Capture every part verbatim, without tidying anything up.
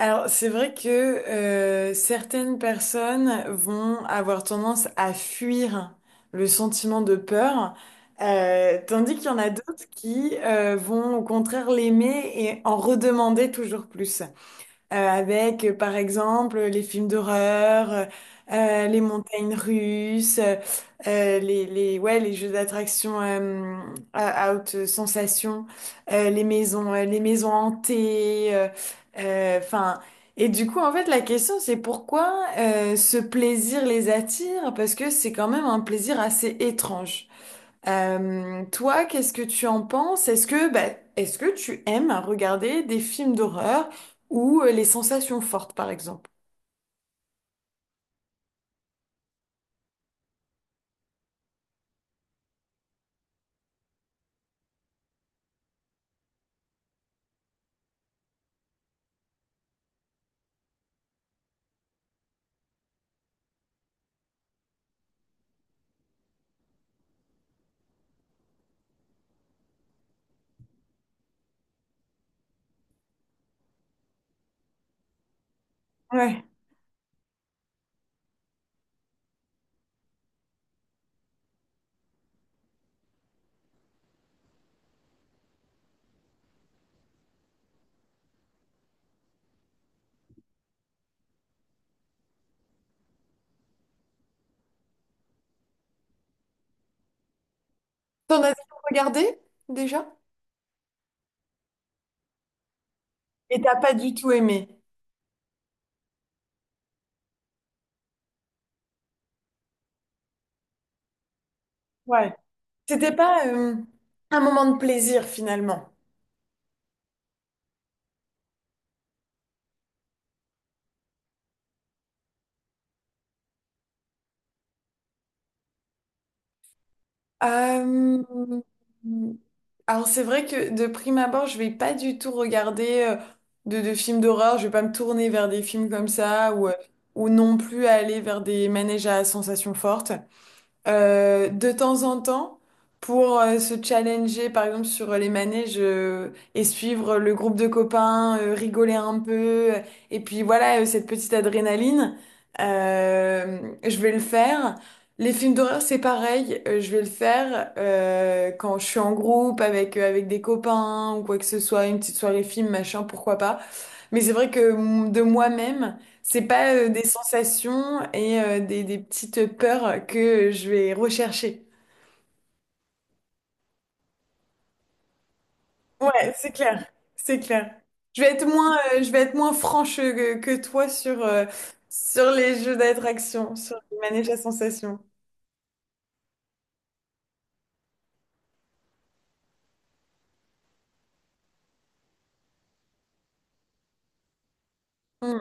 Alors, c'est vrai que euh, certaines personnes vont avoir tendance à fuir le sentiment de peur, euh, tandis qu'il y en a d'autres qui euh, vont au contraire l'aimer et en redemander toujours plus euh, avec, euh, par exemple, les films d'horreur, euh, euh, les montagnes russes, euh, euh, les, les, ouais, les jeux d'attraction euh, à, à haute sensation, euh, les maisons, euh, les maisons hantées, euh, euh, 'fin, et du coup, en fait, la question, c'est pourquoi euh, ce plaisir les attire? Parce que c'est quand même un plaisir assez étrange. Euh, toi, qu'est-ce que tu en penses? Est-ce que, bah, est-ce que tu aimes regarder des films d'horreur ou euh, les sensations fortes, par exemple? Ouais. T'en as déjà regardé déjà? Et t'as pas du tout aimé. Ouais. C'était pas euh, un moment de plaisir finalement. Euh, alors c'est vrai que de prime abord, je vais pas du tout regarder euh, de, de films d'horreur. Je vais pas me tourner vers des films comme ça ou, euh, ou non plus aller vers des manèges à sensations fortes. Euh, de temps en temps pour euh, se challenger, par exemple, sur les manèges euh, et suivre le groupe de copains, euh, rigoler un peu. euh, Et puis voilà, euh, cette petite adrénaline, euh, je vais le faire. Les films d'horreur, c'est pareil, euh, je vais le faire euh, quand je suis en groupe avec, euh, avec des copains ou quoi que ce soit, une petite soirée film, machin, pourquoi pas. Mais c'est vrai que mm, de moi-même, c'est pas euh, des sensations et euh, des, des petites peurs que je vais rechercher. Ouais, c'est clair, c'est clair. Je vais être moins, euh, je vais être moins franche que, que toi sur, euh, sur les jeux d'attraction, sur les manèges à sensations. Mm.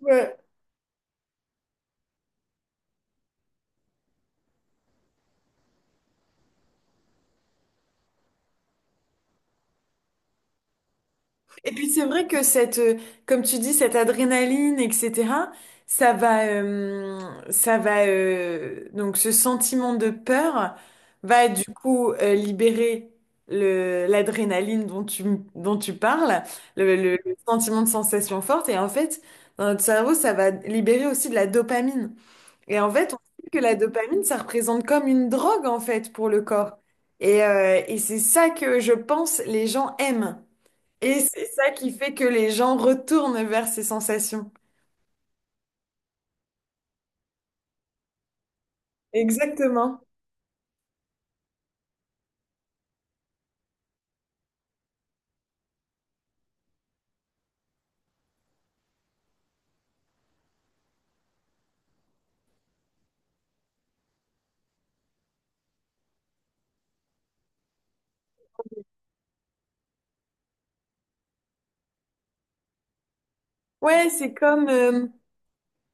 Ouais. Et puis c'est vrai que cette, euh, comme tu dis, cette adrénaline, et cetera, ça va, euh, ça va, euh, donc ce sentiment de peur va du coup euh, libérer le, l'adrénaline dont tu, dont tu parles, le, le- le sentiment de sensation forte. Et en fait, dans notre cerveau, ça va libérer aussi de la dopamine. Et en fait, on sait que la dopamine, ça représente comme une drogue en fait pour le corps. Et, euh, et c'est ça que je pense les gens aiment. Et c'est ça qui fait que les gens retournent vers ces sensations. Exactement. Ouais, c'est comme, euh,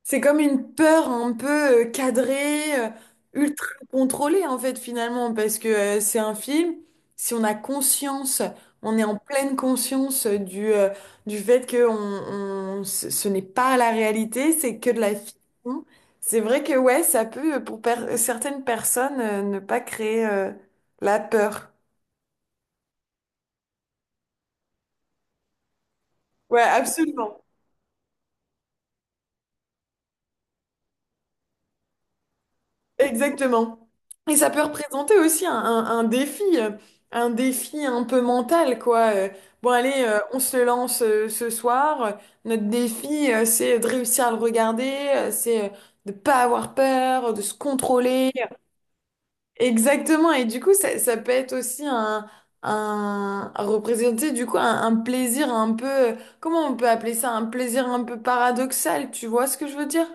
c'est comme une peur un peu euh, cadrée, euh, ultra contrôlée en fait finalement, parce que euh, c'est un film, si on a conscience, on est en pleine conscience euh, du, euh, du fait que on, on- ce ce n'est pas la réalité, c'est que de la fiction. C'est vrai que ouais, ça peut euh, pour per- certaines personnes euh, ne pas créer euh, la peur. Ouais, absolument. Exactement. Et ça peut représenter aussi un, un- un défi, euh, un défi un peu mental, quoi. Euh, Bon, allez, euh, on se lance euh, ce soir. Notre défi, euh, c'est de réussir à le regarder, euh, c'est euh, de pas avoir peur, de se contrôler. Exactement. Et du coup, ça, ça peut être aussi un, un à représenter du coup un, un plaisir un peu, euh, comment on peut appeler ça, un plaisir un peu paradoxal. Tu vois ce que je veux dire?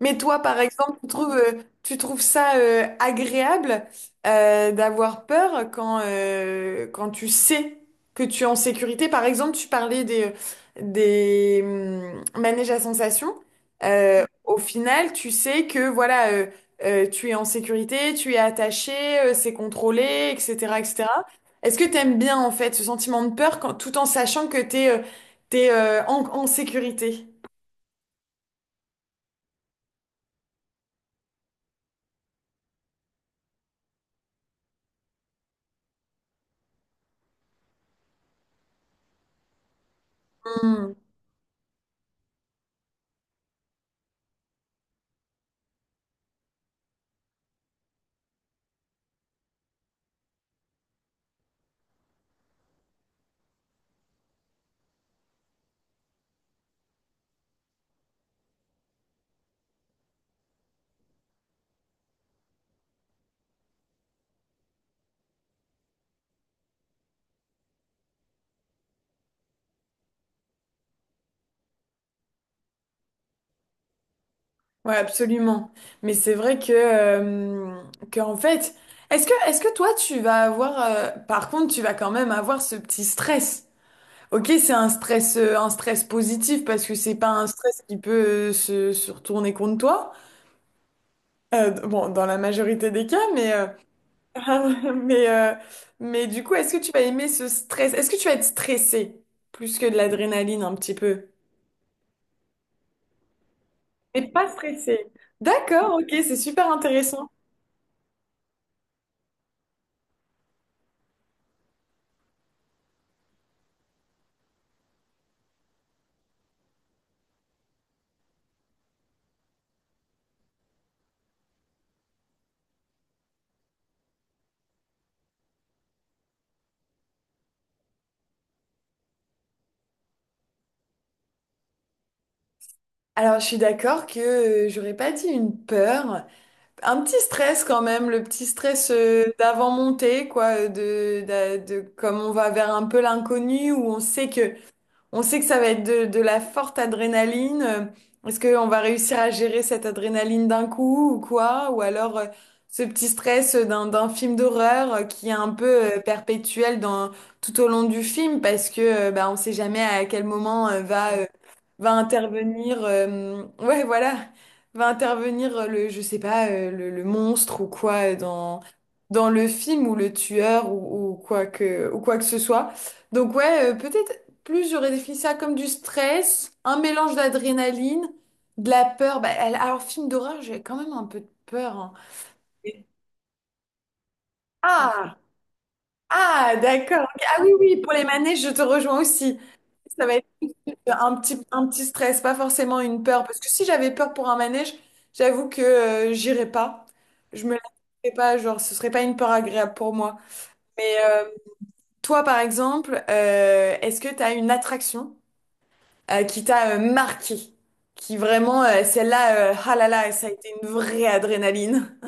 Mais toi, par exemple, tu trouves, euh, tu trouves ça euh, agréable euh, d'avoir peur quand, euh, quand tu sais que tu es en sécurité. Par exemple, tu parlais des, des hum, manèges à sensations. Euh, au final, tu sais que voilà, euh, euh, tu es en sécurité, tu es attaché, euh, c'est contrôlé, et cetera, et cetera. Est-ce que tu aimes bien en fait ce sentiment de peur quand, tout en sachant que tu es, t'es, euh, t'es, euh, en, en sécurité? Hmm. Ouais, absolument. Mais c'est vrai que, euh, que en fait, est-ce que, est-ce que toi, tu vas avoir, euh, par contre, tu vas quand même avoir ce petit stress. Ok, c'est un stress, euh, un stress positif parce que c'est pas un stress qui peut euh, se, se retourner contre toi. Euh, bon, dans la majorité des cas, mais, euh, mais, euh, mais du coup, est-ce que tu vas aimer ce stress? Est-ce que tu vas être stressé plus que de l'adrénaline un petit peu? Et pas stressé. D'accord, ok, c'est super intéressant. Alors, je suis d'accord que euh, j'aurais pas dit une peur, un petit stress quand même, le petit stress euh, d'avant montée, quoi, euh, de, d'a- de, comme on va vers un peu l'inconnu où on sait que on sait que ça va être de, de la forte adrénaline. Euh, Est-ce qu'on va réussir à gérer cette adrénaline d'un coup ou quoi? Ou alors euh, ce petit stress d'un, d'un film d'horreur euh, qui est un peu euh, perpétuel dans, tout au long du film parce que euh, bah, on sait jamais à quel moment euh, va, euh, va intervenir. Euh, ouais, voilà. Va intervenir euh, le, je sais pas, euh, le, le monstre ou quoi euh, dans, dans le film ou le tueur ou, ou quoi que, ou quoi que ce soit. Donc ouais, euh, peut-être. Plus j'aurais défini ça comme du stress, un mélange d'adrénaline, de la peur. Bah, elle- alors, film d'horreur, j'ai quand même un peu de peur. Hein. Ah, ah, d'accord. Ok. Ah oui, oui, pour les manèges, je te rejoins aussi. Ça va être un petit, un petit stress, pas forcément une peur. Parce que si j'avais peur pour un manège, j'avoue que euh, j'irais pas. Je me laisserais pas, genre, ce serait pas une peur agréable pour moi. Mais euh, toi, par exemple, euh, est-ce que tu as une attraction? Euh, qui t'a euh, marqué, qui vraiment, euh, celle-là, euh, ah là là, ça a été une vraie adrénaline.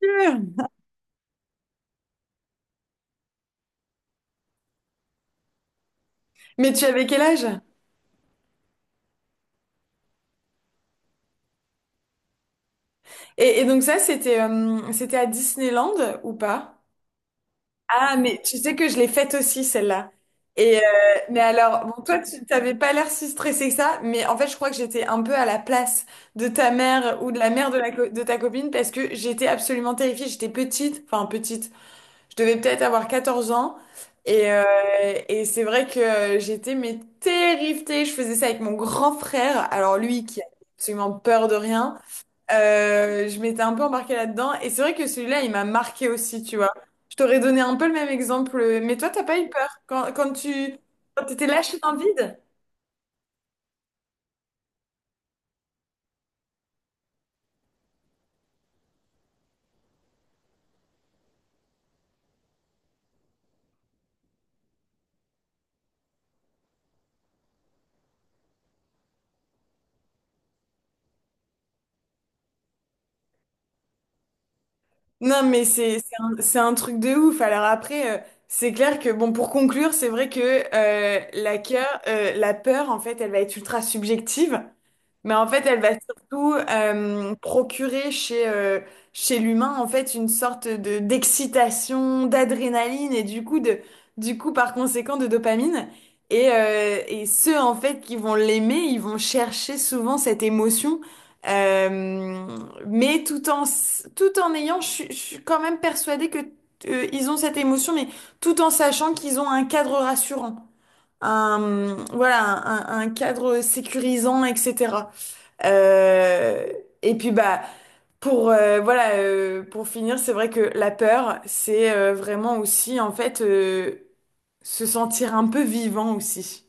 Sûr. Mais tu avais quel âge? Et, et donc ça, c'était euh, c'était à Disneyland ou pas? Ah, mais tu sais que je l'ai faite aussi, celle-là. Et euh, mais alors, bon, toi, tu t'avais pas l'air si stressé que ça, mais en fait, je crois que j'étais un peu à la place de ta mère ou de la mère de, la co- de ta copine parce que j'étais absolument terrifiée. J'étais petite, enfin petite. Je devais peut-être avoir quatorze ans. Et, euh, et c'est vrai que j'étais mais terrifiée. Je faisais ça avec mon grand frère. Alors lui qui a absolument peur de rien. Euh, je m'étais un peu embarquée là-dedans. Et c'est vrai que celui-là, il m'a marqué aussi, tu vois. Je t'aurais donné un peu le même exemple. Mais toi, t'as pas eu peur quand, quand tu quand t'étais lâchée dans le vide? Non, mais c'est c'est un, c'est un truc de ouf. Alors après, euh, c'est clair que, bon, pour conclure, c'est vrai que euh, la cœur, euh, la peur, en fait, elle va être ultra subjective, mais en fait, elle va surtout euh, procurer chez, euh, chez l'humain, en fait, une sorte de d'excitation, d'adrénaline et du coup, de, du coup, par conséquent, de dopamine. Et, euh, et ceux, en fait, qui vont l'aimer, ils vont chercher souvent cette émotion. euh, mais tout en, s- tout en ayant, je, suis je suis quand même persuadée que euh, ils ont cette émotion, mais tout en sachant qu'ils ont un cadre rassurant, un, voilà, un, un- un cadre sécurisant, et cetera. Euh, et puis bah pour euh, voilà, euh, pour finir, c'est vrai que la peur, c'est euh, vraiment aussi en fait euh, se sentir un peu vivant aussi.